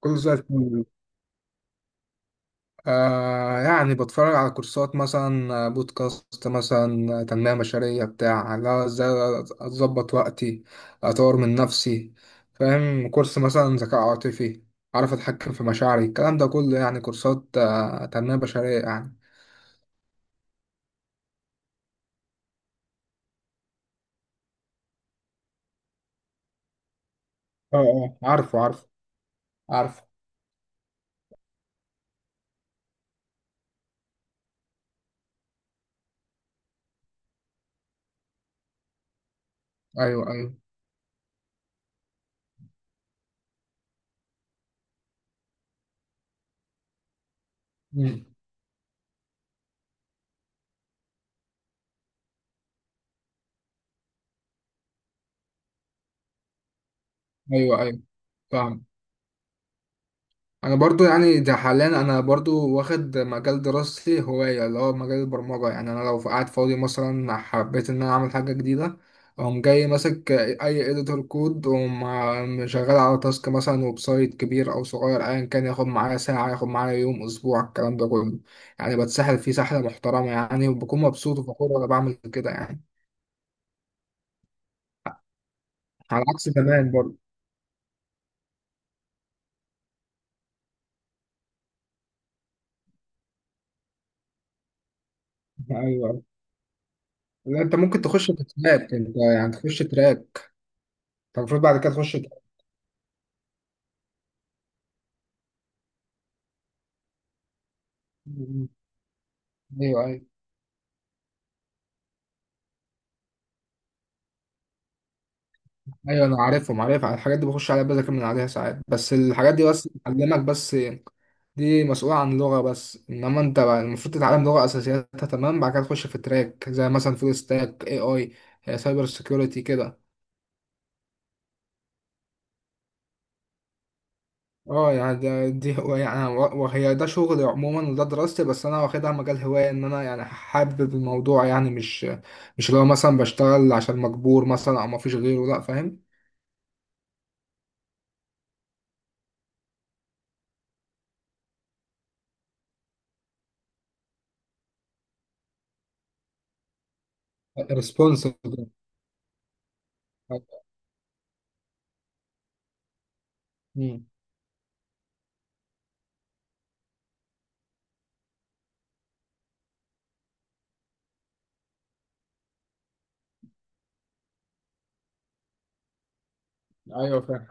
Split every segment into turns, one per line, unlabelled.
كله زي الفل. يعني بتفرج على كورسات مثلا، بودكاست مثلا، تنمية بشرية بتاع، لا ازاي اظبط وقتي، اطور من نفسي، فاهم؟ كورس مثلا ذكاء عاطفي، اعرف اتحكم في مشاعري، الكلام ده كله يعني كورسات تنمية بشرية يعني. اه عارفه. ايوه ايوه. مم. ايوه ايوه، فاهم. انا برضو يعني ده حاليا، انا برضو واخد مجال دراستي هواية، اللي هو مجال البرمجة، يعني انا لو قاعد فاضي مثلا حبيت ان انا اعمل حاجة جديدة اقوم جاي ماسك اي اديتور كود واقوم شغال على تاسك مثلا، ويب سايت كبير او صغير ايا كان، ياخد معايا ساعة، ياخد معايا يوم، اسبوع، الكلام ده كله يعني، بتسحل فيه سحلة محترمة يعني، وبكون مبسوط وفخور وانا بعمل كده يعني، على عكس زمان برضو. ايوه. لا انت ممكن تخش في تراك، انت يعني تخش تراك، انت المفروض بعد كده تخش تراك. ايوه ايوه. ايوه انا عارفهم، عارف على الحاجات دي، بخش عليها بذاكر من عليها ساعات، بس الحاجات دي بس بتعلمك بس، دي مسؤولة عن لغة بس، انما انت بقى المفروض تتعلم لغة اساسياتها تمام، بعد كده تخش في تراك زي مثلا فول ستاك اي سايبر سيكيورتي كده. اه يعني ده دي هو يعني وهي ده شغلي عموما، وده دراستي، بس انا واخدها مجال هواية ان انا يعني حابب الموضوع يعني، مش اللي هو مثلا بشتغل عشان مجبور مثلا او مفيش غيره، لا، فاهم؟ ريسبونسبل. ايوه فاهم.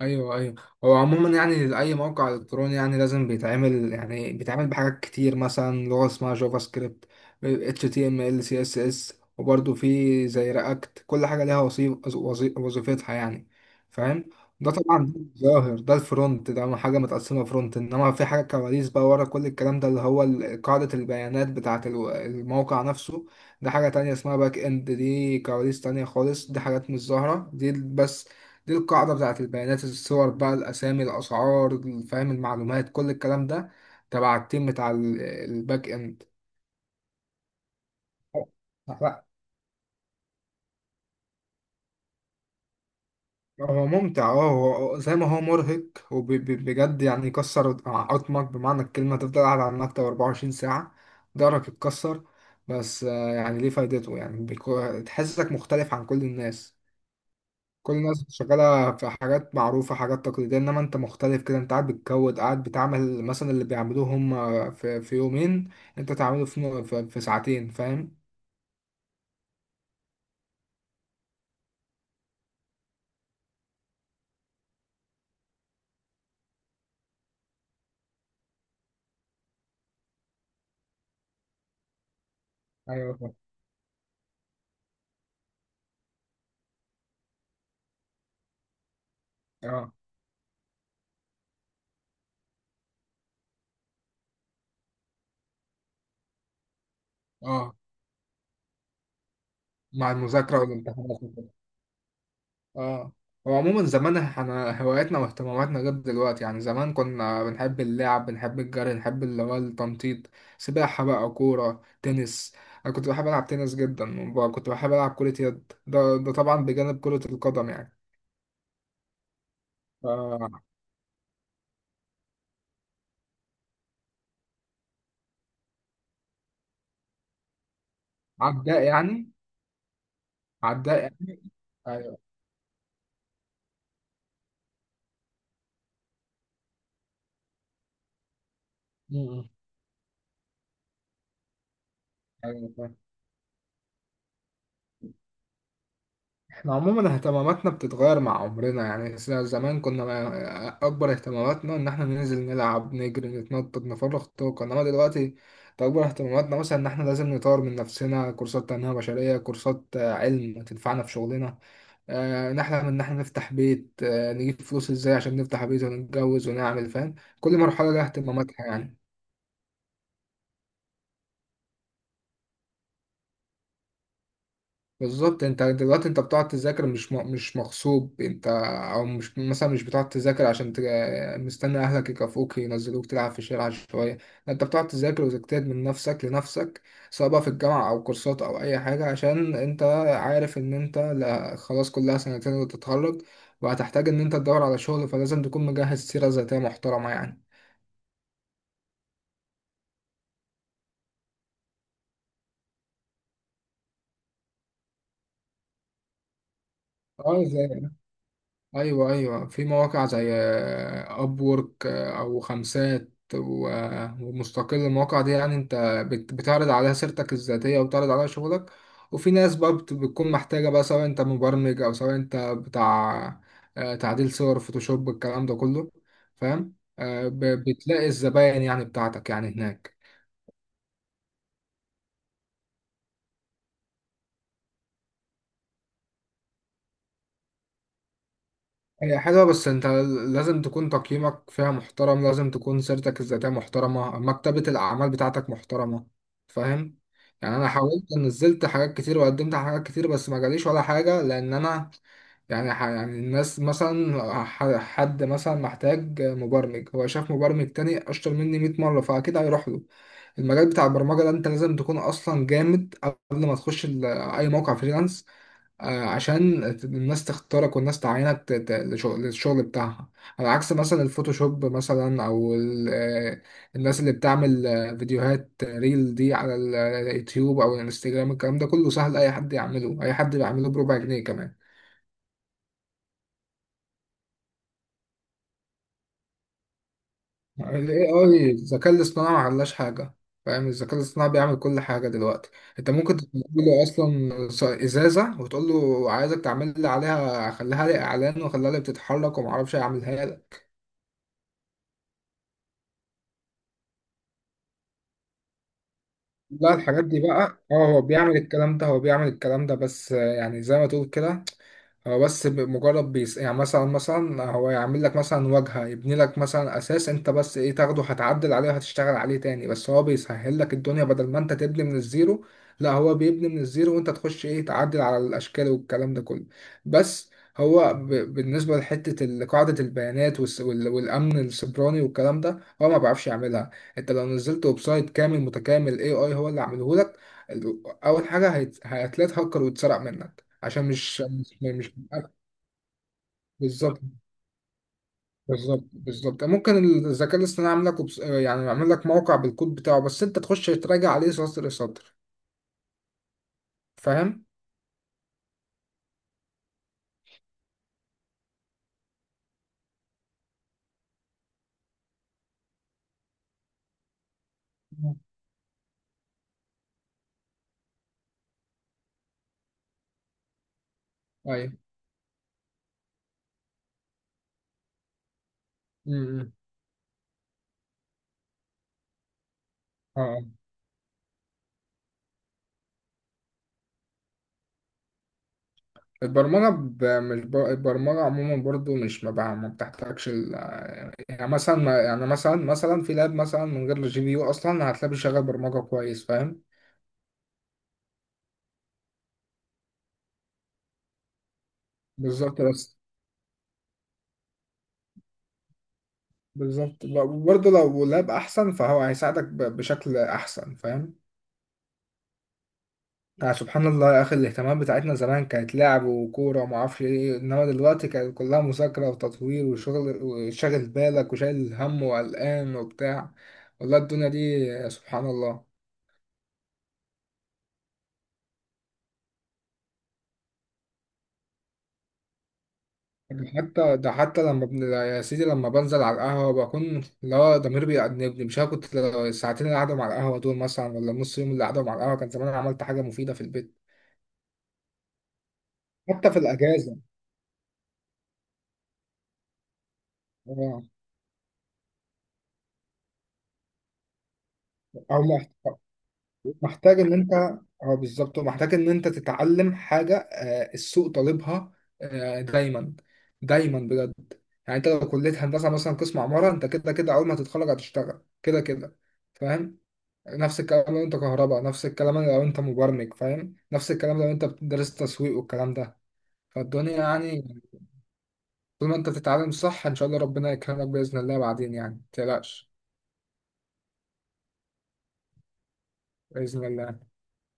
ايوه ايوه. هو عموما يعني اي موقع الكتروني يعني لازم بيتعمل، يعني بيتعمل بحاجات كتير، مثلا لغه اسمها جافا سكريبت، اتش تي ام ال، سي اس اس، وبرده في زي رياكت، كل حاجه ليها وظيفتها يعني، فاهم؟ ده طبعا ده ظاهر، ده الفرونت، ده حاجه متقسمه فرونت، انما في حاجه كواليس بقى ورا كل الكلام ده، اللي هو قاعده البيانات بتاعه الموقع نفسه. ده حاجه تانية اسمها باك اند، دي كواليس تانية خالص، دي حاجات مش ظاهره دي، بس دي القاعدة بتاعت البيانات، الصور بقى، الأسامي، الأسعار، فاهم؟ المعلومات، كل الكلام ده تبع التيم بتاع الباك إند. لا هو ممتع، اه هو زي ما هو مرهق، وبجد يعني يكسر عظمك بمعنى الكلمة، تفضل قاعد على المكتب 24 ساعة، ضهرك يتكسر. بس آه، يعني ليه فايدته يعني، تحسسك مختلف عن كل الناس. كل الناس شغالة في حاجات معروفة، حاجات تقليدية، انما انت مختلف كده، انت قاعد بتكود، قاعد بتعمل مثلا اللي بيعملوه هم في يومين، انت تعمله في ساعتين، فاهم؟ ايوه فاهم. اه اه. مع المذاكرة والامتحانات وكده، اه. هو عموما زمان احنا هواياتنا واهتماماتنا غير دلوقتي، يعني زمان كنا بنحب اللعب، بنحب الجري، نحب اللي هو التنطيط، سباحة بقى، كورة، تنس، انا كنت بحب العب تنس جدا، وكنت بحب العب كرة يد، ده طبعا بجانب كرة القدم يعني. آه. عداء يعني. عداء يعني. ايوه. م- م. ايوه فاهم. احنا عموما اهتماماتنا بتتغير مع عمرنا يعني، زمان كنا اكبر اهتماماتنا ان احنا ننزل نلعب، نجري، نتنطط، نفرغ طاقه، انما دلوقتي اكبر اهتماماتنا مثلا ان احنا لازم نطور من نفسنا، كورسات تنميه بشريه، كورسات علم تنفعنا في شغلنا، نحلم ان احنا نفتح بيت، نجيب فلوس ازاي عشان نفتح بيت ونتجوز ونعمل، فاهم؟ كل مرحله لها اهتماماتها يعني. بالظبط، انت دلوقتي انت بتقعد تذاكر مش مش مغصوب انت، او مش مثلا مش بتقعد تذاكر عشان مستني اهلك يكافئوك ينزلوك تلعب في الشارع شويه، لا انت بتقعد تذاكر وتجتهد من نفسك لنفسك، سواء بقى في الجامعه او كورسات او اي حاجه، عشان انت عارف ان انت، لا خلاص كلها سنتين وتتخرج، وهتحتاج ان انت تدور على شغل، فلازم تكون مجهز سيره ذاتيه محترمه يعني. اه ايوه ايوه، في مواقع زي اب وورك او خمسات ومستقل، المواقع دي يعني انت بتعرض عليها سيرتك الذاتيه، وبتعرض عليها شغلك، وفي ناس بقى بتكون محتاجه بقى، سواء انت مبرمج او سواء انت بتاع تعديل صور فوتوشوب، الكلام ده كله، فاهم؟ بتلاقي الزباين يعني بتاعتك يعني هناك. هي حلوة بس انت لازم تكون تقييمك فيها محترم، لازم تكون سيرتك الذاتية محترمة، مكتبة الأعمال بتاعتك محترمة، فاهم؟ يعني أنا حاولت نزلت حاجات كتير وقدمت على حاجات كتير، بس ما جاليش ولا حاجة، لأن أنا يعني يعني الناس مثلا، حد مثلا محتاج مبرمج، هو شاف مبرمج تاني أشطر مني 100 مرة، فأكيد هيروح له. المجال بتاع البرمجة ده انت لازم تكون اصلا جامد قبل ما تخش اي موقع فريلانس، عشان الناس تختارك والناس تعينك للشغل بتاعها. على عكس مثلا الفوتوشوب مثلا، او الناس اللي بتعمل فيديوهات ريل دي على اليوتيوب او الانستجرام، الكلام ده كله سهل، اي حد يعمله، اي حد بيعمله بربع جنيه كمان. ال AI الذكاء الاصطناعي ما عملش حاجة، فاهم؟ الذكاء الاصطناعي بيعمل كل حاجة دلوقتي، انت ممكن تقول له اصلا ازازة، وتقول له عايزك تعمل لي عليها، خليها لي اعلان، وخليها لي بتتحرك، وما اعرفش اعملها لك. لا الحاجات دي بقى، اه هو بيعمل الكلام ده، هو بيعمل الكلام ده بس آه، يعني زي ما تقول كده، هو بس مجرد بيس يعني، مثلا هو يعمل لك مثلا واجهة، يبني لك مثلا أساس، أنت بس إيه تاخده هتعدل عليه وهتشتغل عليه تاني، بس هو بيسهل لك الدنيا بدل ما أنت تبني من الزيرو، لا هو بيبني من الزيرو وأنت تخش إيه تعدل على الأشكال والكلام ده كله بس. هو بالنسبة لحتة قاعدة البيانات والأمن السيبراني والكلام ده، هو ما بيعرفش يعملها. انت لو نزلت ويب سايت كامل متكامل اي هو اللي عامله لك، اول حاجه هتلاقي هاكر ويتسرق منك، عشان مش بالظبط. بالظبط ممكن الذكاء الاصطناعي يعمل لك يعني يعمل لك موقع بالكود بتاعه، بس انت تخش تراجع عليه سطر سطر، فاهم؟ مم. ايوه. امم امم. اه آه. البرمجه ب... مش ب... البرمجه عموما برضو مش، ما بقى ما بتحتاجش يعني مثلا ما... يعني مثلا في لاب مثلا من غير الجي بي يو اصلا هتلاقيه بيشغل برمجه كويس، فاهم؟ بالظبط بس، بالظبط. برضه لو لاب احسن فهو هيساعدك بشكل احسن، فاهم؟ يعني سبحان الله يا اخي، الاهتمامات بتاعتنا زمان كانت لعب وكوره وما اعرفش ايه، انما دلوقتي كانت كلها مذاكره وتطوير وشغل، وشاغل بالك وشايل هم وقلقان وبتاع. والله الدنيا دي سبحان الله. ده حتى لما يا سيدي لما بنزل على القهوه بكون، لا ضميري بيأنبني، مش عارف كنت لو الساعتين اللي قعدهم على القهوه دول مثلا، ولا النص يوم اللي قعدهم على القهوه، كان زمان أنا عملت حاجه مفيده في البيت. حتى في الأجازة. اه. او محت- محتاج ان انت، اه بالظبط، محتاج ان انت تتعلم حاجه آه، السوق طالبها، دايما، دايما بجد. يعني انت لو كليه هندسه مثلا قسم عماره، انت كده كده اول ما تتخرج هتشتغل كده كده، فاهم؟ نفس الكلام لو انت كهرباء، نفس الكلام لو انت مبرمج، فاهم؟ نفس الكلام لو انت بتدرس تسويق والكلام ده، فالدنيا يعني، طول ما انت بتتعلم صح ان شاء الله ربنا يكرمك باذن الله بعدين يعني، متقلقش، باذن الله.